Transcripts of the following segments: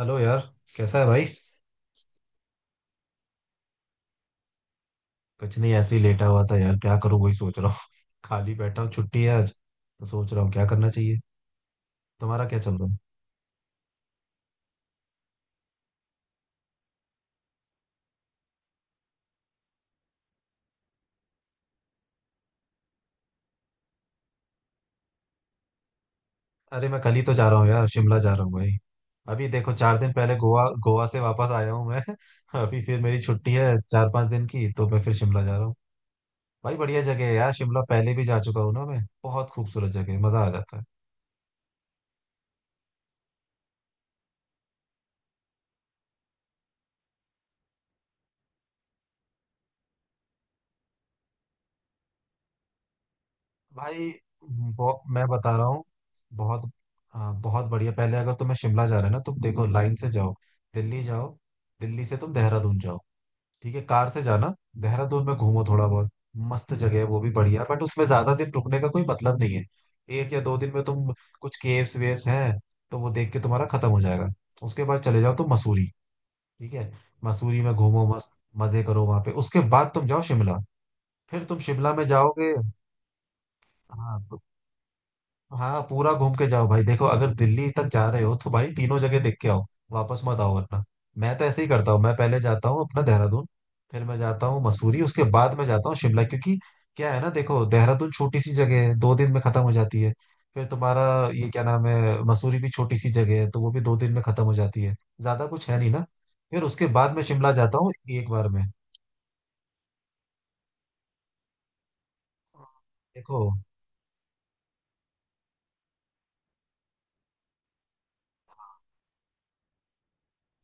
Hello यार। कैसा है भाई। कुछ नहीं, ऐसे ही लेटा हुआ था यार, क्या करूँ वही सोच रहा हूँ खाली बैठा हूँ, छुट्टी है आज, तो सोच रहा हूँ क्या करना चाहिए। तुम्हारा क्या चल रहा है। अरे मैं कल ही तो जा रहा हूँ यार, शिमला जा रहा हूँ भाई। अभी देखो, 4 दिन पहले गोवा गोवा से वापस आया हूँ मैं अभी फिर मेरी छुट्टी है चार पांच दिन की, तो मैं फिर शिमला जा रहा हूँ। भाई बढ़िया जगह है यार शिमला, पहले भी जा चुका हूँ ना मैं, बहुत खूबसूरत जगह है, मजा आ जाता है। भाई मैं बता रहा हूँ बहुत। हाँ बहुत बढ़िया, पहले अगर तुम्हें शिमला जा रहे है ना तुम, देखो लाइन से जाओ। दिल्ली जाओ। दिल्ली से तुम देहरादून जाओ। ठीक है, कार से जाना। देहरादून में घूमो थोड़ा बहुत, मस्त जगह है वो भी बढ़िया, बट उसमें ज्यादा दिन रुकने का कोई मतलब नहीं है। एक या दो दिन में तुम कुछ केव्स वेव्स हैं, तो वो देख के तुम्हारा खत्म हो जाएगा। उसके बाद चले जाओ तुम मसूरी। ठीक है। मसूरी में घूमो, मस्त मजे करो वहां पे, उसके बाद तुम जाओ शिमला। फिर तुम शिमला में जाओगे। हाँ हाँ, पूरा घूम के जाओ भाई, देखो अगर दिल्ली तक जा रहे हो तो भाई तीनों जगह देख के आओ, वापस मत आओ वरना। मैं तो ऐसे ही करता हूँ, मैं पहले जाता हूँ अपना देहरादून, फिर मैं जाता हूँ मसूरी, उसके बाद मैं जाता हूँ शिमला, क्योंकि क्या है ना, देखो देहरादून छोटी सी जगह है, 2 दिन में खत्म हो जाती है। फिर तुम्हारा ये क्या नाम है, मसूरी भी छोटी सी जगह है तो वो भी 2 दिन में खत्म हो जाती है, ज्यादा कुछ है नहीं ना। फिर उसके बाद मैं शिमला जाता हूँ एक बार में। देखो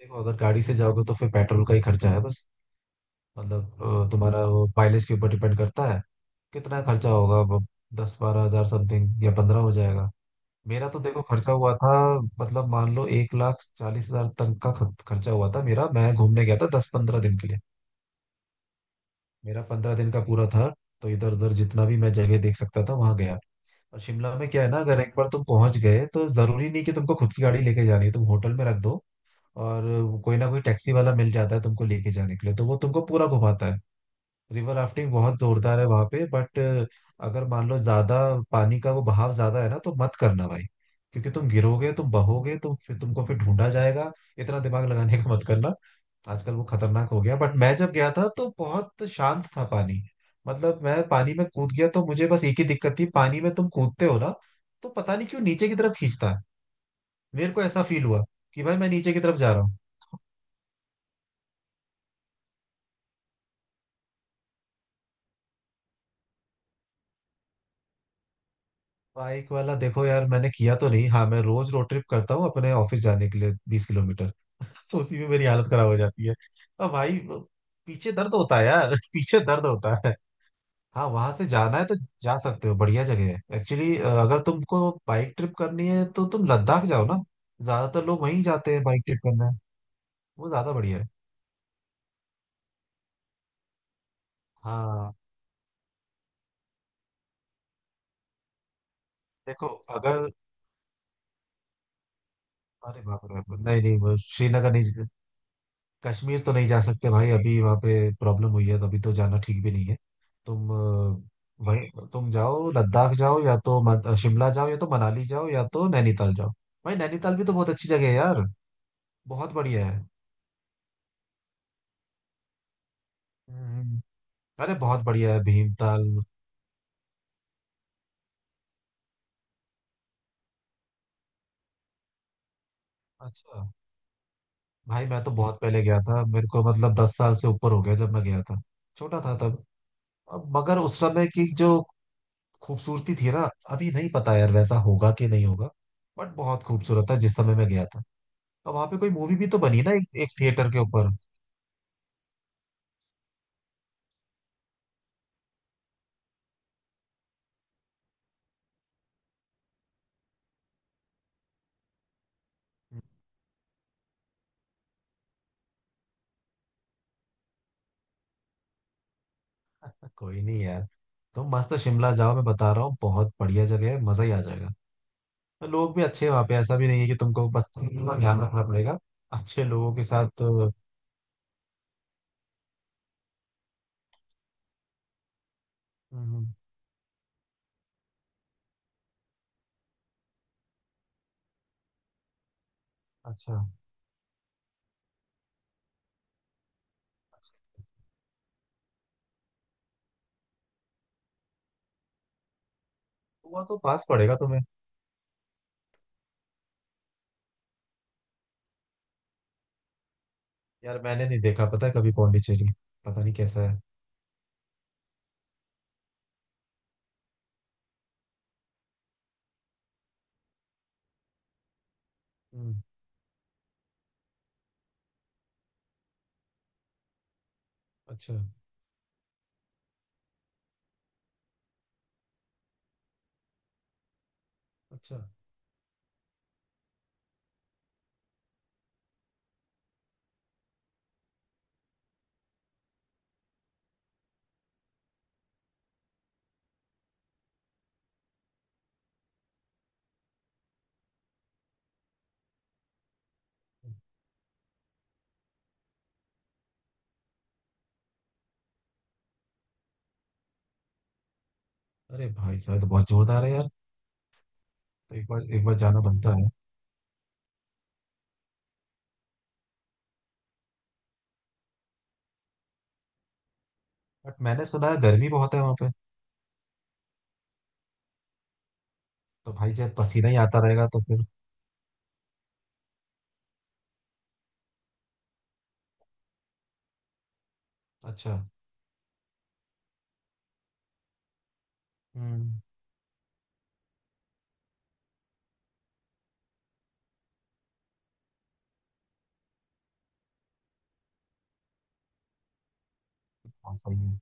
देखो अगर गाड़ी से जाओगे तो फिर पेट्रोल का ही खर्चा है बस। मतलब तुम्हारा वो माइलेज के ऊपर डिपेंड करता है, कितना खर्चा होगा अब। दस बारह हजार समथिंग या पंद्रह हो जाएगा। मेरा तो देखो खर्चा हुआ था, मतलब मान लो एक लाख चालीस हजार तक का खर्चा हुआ था मेरा, मैं घूमने गया था दस पंद्रह दिन के लिए। मेरा 15 दिन का पूरा था, तो इधर उधर जितना भी मैं जगह देख सकता था वहां गया। और शिमला में क्या है ना, अगर एक बार तुम पहुंच गए तो जरूरी नहीं कि तुमको खुद की गाड़ी लेके जानी है, तुम होटल में रख दो, और कोई ना कोई टैक्सी वाला मिल जाता है तुमको लेके जाने के लिए, तो वो तुमको पूरा घुमाता है। रिवर राफ्टिंग बहुत जोरदार है वहां पे, बट अगर मान लो ज्यादा पानी का वो बहाव ज्यादा है ना, तो मत करना भाई, क्योंकि तुम गिरोगे, तुम बहोगे, तो फिर तुमको फिर ढूंढा जाएगा। इतना दिमाग लगाने का मत करना। आजकल वो खतरनाक हो गया, बट मैं जब गया था तो बहुत शांत था पानी। मतलब मैं पानी में कूद गया तो मुझे बस एक ही दिक्कत थी, पानी में तुम कूदते हो ना, तो पता नहीं क्यों नीचे की तरफ खींचता है, मेरे को ऐसा फील हुआ कि भाई मैं नीचे की तरफ जा रहा हूँ। बाइक वाला देखो यार, मैंने किया तो नहीं, हाँ मैं रोज रोड ट्रिप करता हूँ अपने ऑफिस जाने के लिए 20 किलोमीटर तो उसी में मेरी हालत खराब हो जाती है। अब भाई पीछे दर्द होता है यार पीछे दर्द होता है, हाँ भाई, वो पीछे दर्द होता है यार, पीछे दर्द होता है। हाँ, वहां से जाना है तो जा सकते हो, बढ़िया जगह है। एक्चुअली अगर तुमको बाइक ट्रिप करनी है तो तुम लद्दाख जाओ ना, ज्यादातर लोग वहीं जाते हैं बाइक ट्रिप करना है। वो ज्यादा बढ़िया है। हाँ। देखो अगर अरे बाप रे, नहीं नहीं वो श्रीनगर नहीं, कश्मीर तो नहीं जा सकते भाई, अभी वहाँ पे प्रॉब्लम हुई है तो अभी तो जाना ठीक भी नहीं है। तुम वही तुम जाओ लद्दाख जाओ, या तो शिमला जाओ, या तो मनाली जाओ, या तो नैनीताल जाओ। भाई नैनीताल भी तो बहुत अच्छी जगह है यार, बहुत बढ़िया है। हम्म। अरे बहुत बढ़िया है भीमताल। अच्छा। भाई मैं तो बहुत पहले गया था, मेरे को मतलब 10 साल से ऊपर हो गया जब मैं गया था, छोटा था तब। अब मगर उस समय की जो खूबसूरती थी ना, अभी नहीं पता यार वैसा होगा कि नहीं होगा, बट बहुत खूबसूरत था जिस समय मैं गया था। अब वहां पे कोई मूवी भी तो बनी ना एक थिएटर के ऊपर कोई नहीं यार, तुम मस्त शिमला जाओ, मैं बता रहा हूँ बहुत बढ़िया जगह है, मजा ही आ जाएगा। और लोग भी अच्छे हैं वहाँ पे, ऐसा भी नहीं है कि तुमको बस थोड़ा ध्यान रखना पड़ेगा, अच्छे लोगों के साथ हम्म। अच्छा। गोवा तो पास पड़ेगा तुम्हें। यार मैंने नहीं देखा, पता है कभी पौंडीचेरी, पता नहीं कैसा है। हम्म। अच्छा। अच्छा अरे भाई साहब तो बहुत जोरदार है यार, तो एक बार जाना बनता है। बट मैंने सुना है गर्मी बहुत है वहाँ पे, तो भाई जब पसीना ही आता रहेगा तो फिर। अच्छा। हम्म। हाँ सही है।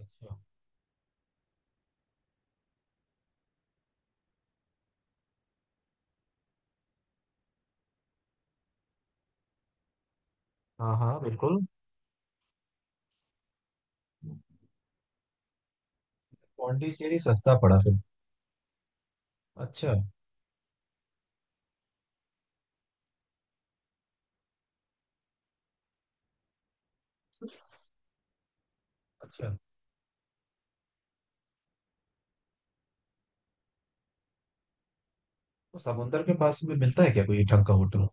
अच्छा। हाँ हाँ बिल्कुल। पौंडीचेरी सस्ता पड़ा फिर। अच्छा। अच्छा तो समुंदर के पास में मिलता है क्या कोई ढंग का होटल।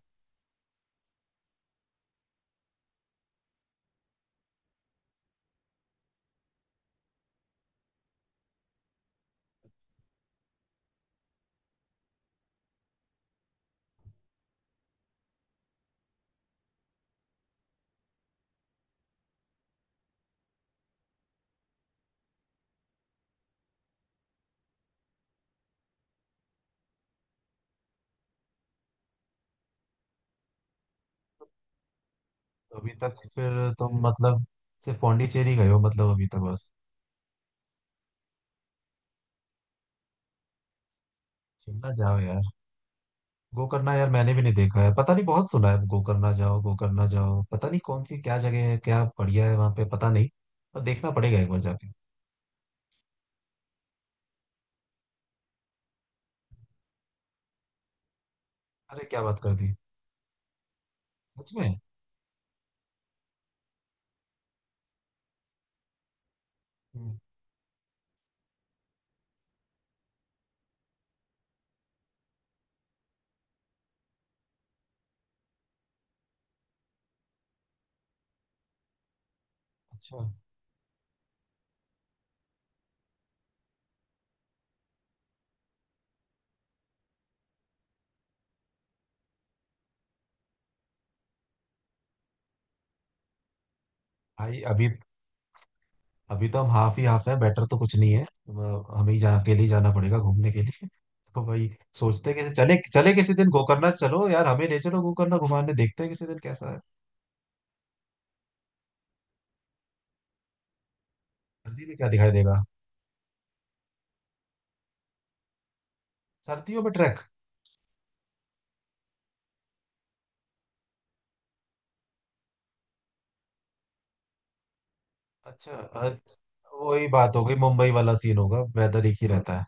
तो अभी तक फिर तुम मतलब सिर्फ पौंडीचेरी गए हो मतलब अभी तक बस। शिमला जाओ यार। गोकर्णा यार मैंने भी नहीं देखा है, पता नहीं, बहुत सुना है, गोकर्णा जाओ गोकर्णा जाओ, पता नहीं कौन सी क्या जगह है क्या बढ़िया है वहां पे, पता नहीं, पर देखना पड़ेगा एक बार जाके। अरे क्या बात कर दी। सच में। हम्म। अच्छा। भाई अभी, अभी तो हम हाफ ही हाफ है, बेटर तो कुछ नहीं है, अब हमें ही जहाँ अकेले ही जाना पड़ेगा घूमने के लिए तो भाई। सोचते हैं कि चले चले किसी दिन गोकर्णा, चलो यार हमें ले चलो गोकर्णा घुमाने, देखते हैं किसी दिन कैसा है। सर्दी में क्या दिखाई देगा। सर्दियों में ट्रैक। अच्छा वही बात हो गई मुंबई वाला सीन होगा, वेदर एक ही रहता है।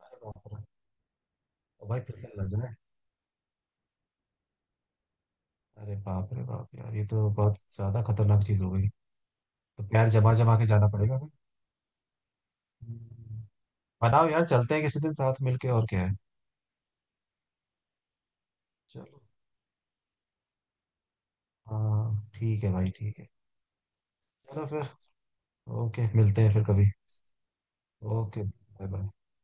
अरे बाप रे। ओ भाई फिसल ना जाए। अरे बाप रे बाप यार, ये तो बहुत ज्यादा खतरनाक चीज हो गई। तो पैर जमा जमा के जाना पड़ेगा भाई। हम्म। बनाओ यार, चलते हैं किसी दिन साथ मिलके और क्या है। चलो। हाँ ठीक है भाई, ठीक है। चलो फिर। ओके मिलते हैं फिर कभी। Okay bye. बाय।